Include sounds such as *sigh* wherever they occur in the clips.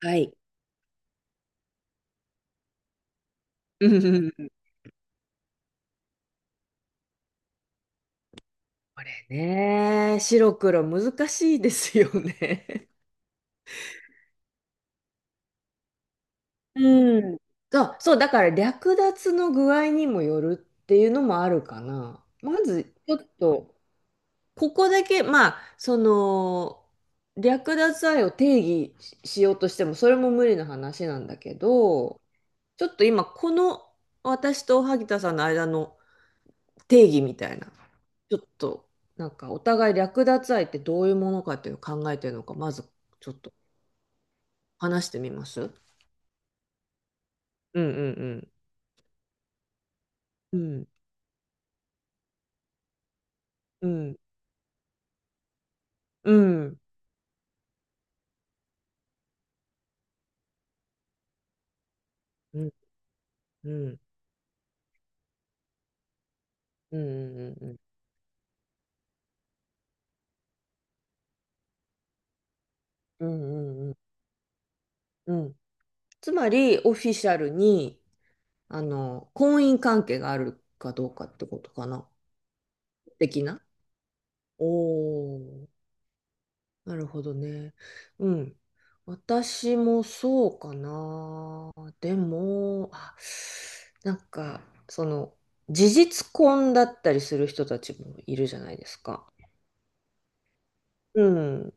はい。*laughs* うんうんうんこれね、白黒難しいですよね。*laughs* うん。そう、そう、だから略奪の具合にもよるっていうのもあるかな。まず、ちょっと、ここだけ、まあ、その、略奪愛を定義しようとしても、それも無理な話なんだけど、ちょっと今、この私と萩田さんの間の定義みたいな、ちょっとなんかお互い略奪愛ってどういうものかっていうのを考えてるのか、まずちょっと話してみますうんうんうん。うんうんうんうんうんうんうんうんうんうんうんつまりオフィシャルにあの婚姻関係があるかどうかってことかな的なおおなるほどね。うん。私もそうかな。でも、あ、なんか、その、事実婚だったりする人たちもいるじゃないですか。うん。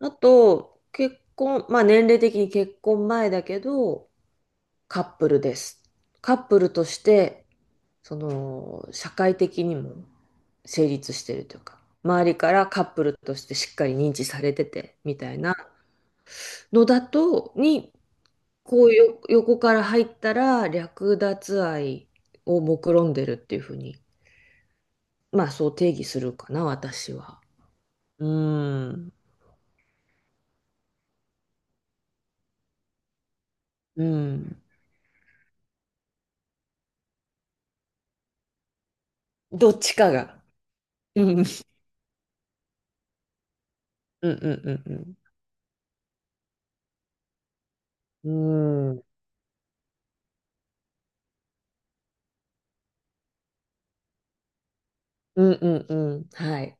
あと、結婚、まあ年齢的に結婚前だけど、カップルです。カップルとして、その、社会的にも成立してるというか、周りからカップルとしてしっかり認知されてて、みたいなのだと、にこうよ、横から入ったら略奪愛を目論んでるっていうふうに、まあそう定義するかな、私は。うーん。うん。どっちかが。うん。うんうんうんうん。うん。うんうんうん。はい。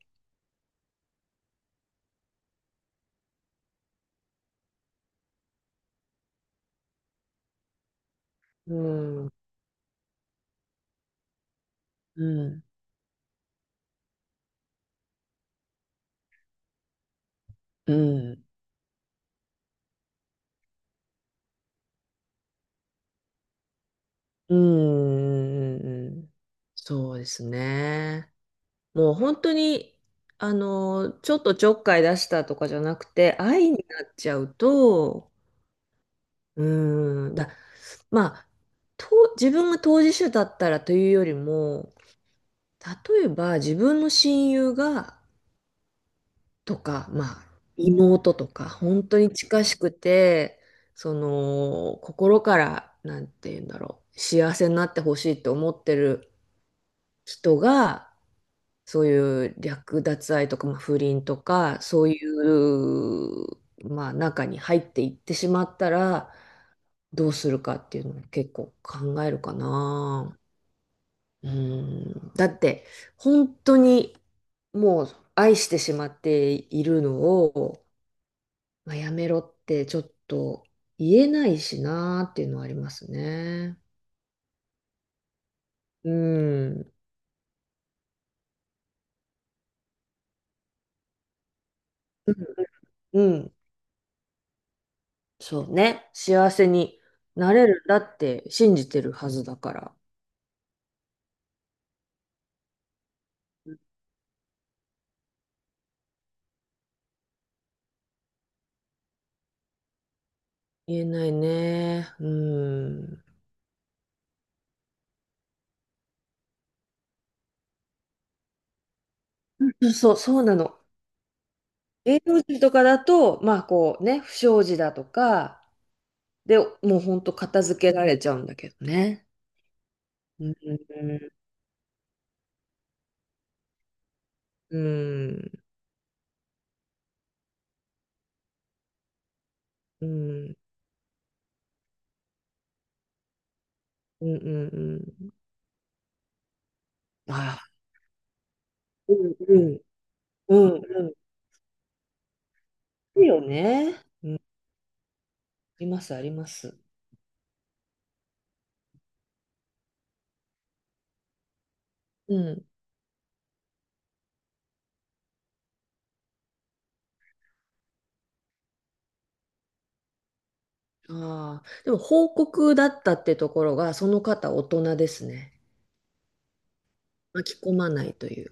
うん。うん。うん。うんうんうんうん。そうですね。もう本当に、あの、ちょっとちょっかい出したとかじゃなくて、愛になっちゃうと、うーん、だ、まあ、と、自分が当事者だったらというよりも、例えば自分の親友が、とか、まあ、妹とか、本当に近しくて、その、心から、なんて言うんだろう、幸せになってほしいと思ってる人が、そういう略奪愛とか、まあ、不倫とか、そういう、まあ、中に入っていってしまったら、どうするかっていうのを結構考えるかな。うん、だって本当にもう愛してしまっているのを、まあ、やめろってちょっと言えないしなーっていうのはありますね。うん。うん、うんそうね。幸せになれるんだって信じてるはずだから言えないね。うん。そう、そうなの。芸能人とかだと、まあこうね、不祥事だとか、で、もうほんと片付けられちゃうんだけどね。うん、うん、うん、うん、うん、うん。ああ、うん、うん、うん、うん。いいよね。あります、あります。うん。ああ、でも報告だったってところが、その方大人ですね。巻き込まないという。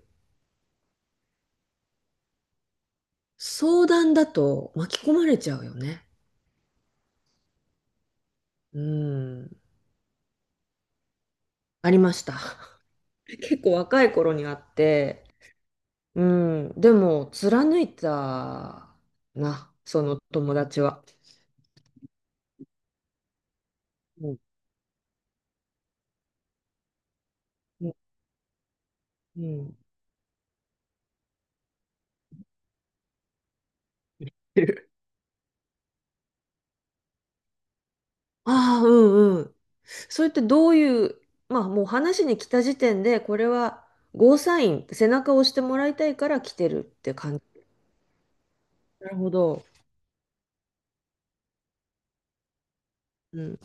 相談だと巻き込まれちゃうよね。うん。ありました。*laughs* 結構若い頃にあって、うん、でも貫いたな、その友達は。うん。うん、うん *laughs* ああ、うんうん。それってどういう、まあもう話に来た時点で、これはゴーサイン、背中を押してもらいたいから来てるって感じ。なるほど。うん、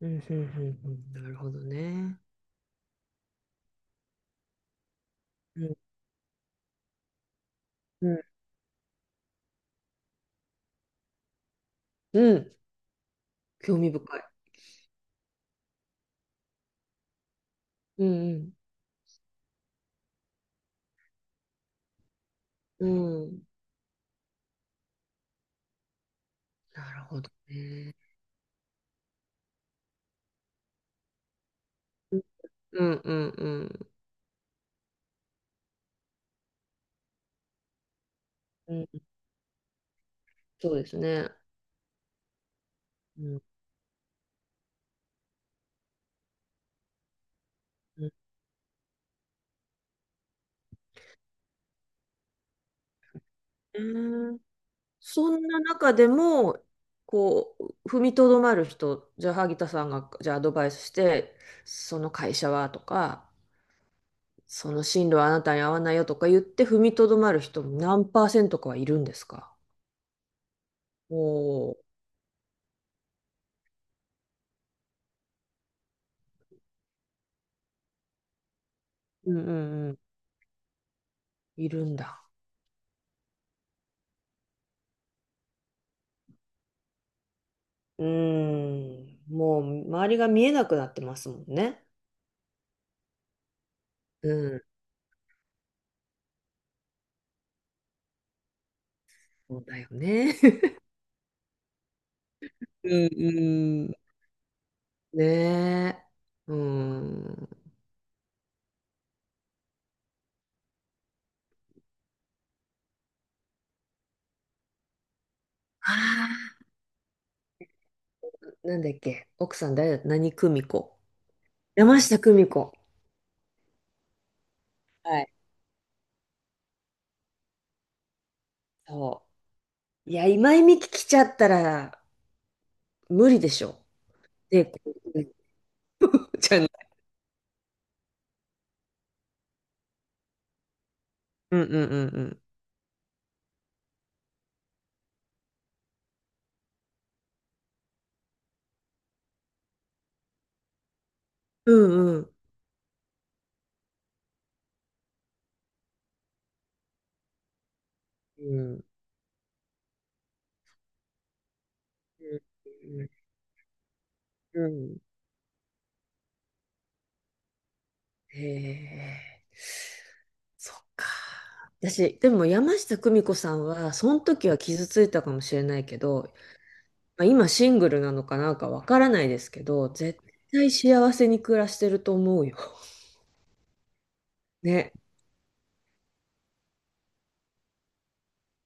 うん、うん、うん、うんなるほどね。うん、うん、うん、興味深い。うん、うん、うん、なるほどね。うん、うん、うん、うん、そうですね。うん、うんうーんそんな中でも、こう、踏みとどまる人、じゃあ、萩田さんが、じゃあ、アドバイスして、その会社はとか、その進路はあなたに合わないよとか言って、踏みとどまる人、何パーセントかはいるんですか？おおー、うんうんうん、いるんだ。うーん、もう周りが見えなくなってますもんね。うん、そうだよね。*laughs* うんうん。*laughs* ねえ。うん。あなんだっけ、奥さん誰だ、何久美子。山下久美子。はい。そう。いや、今井美樹来ちゃったら無理でしょ。で、こうちゃん。うんうんうんうん。うんうん。うんうんうん。うんへえ。そっか。私、でも山下久美子さんは、その時は傷ついたかもしれないけど、まあ、今シングルなのかなんかわからないですけど、絶対幸せに暮らしてると思うよ。ね。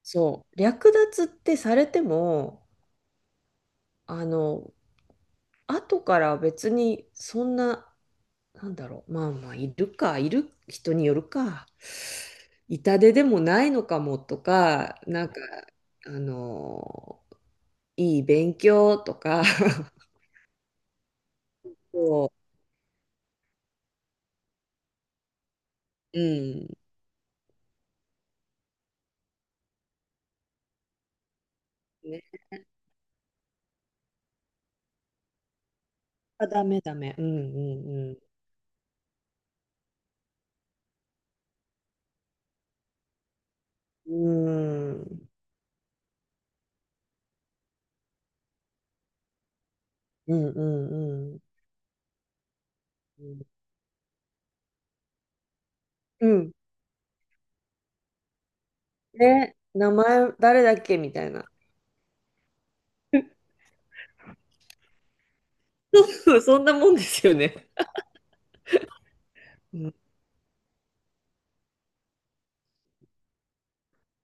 そう、略奪ってされても、あの、後から別にそんな、なんだろう、まあまあ、いるか、いる人によるか、痛手でもないのかもとか、なんか、あの、いい勉強とか、*laughs* そう、うん、ね、あ、ダメダメ、うんうんうん、うん、うんうんうん、うん、ね、名前誰だっけみたいな。*laughs* そうそんなもんですよね。う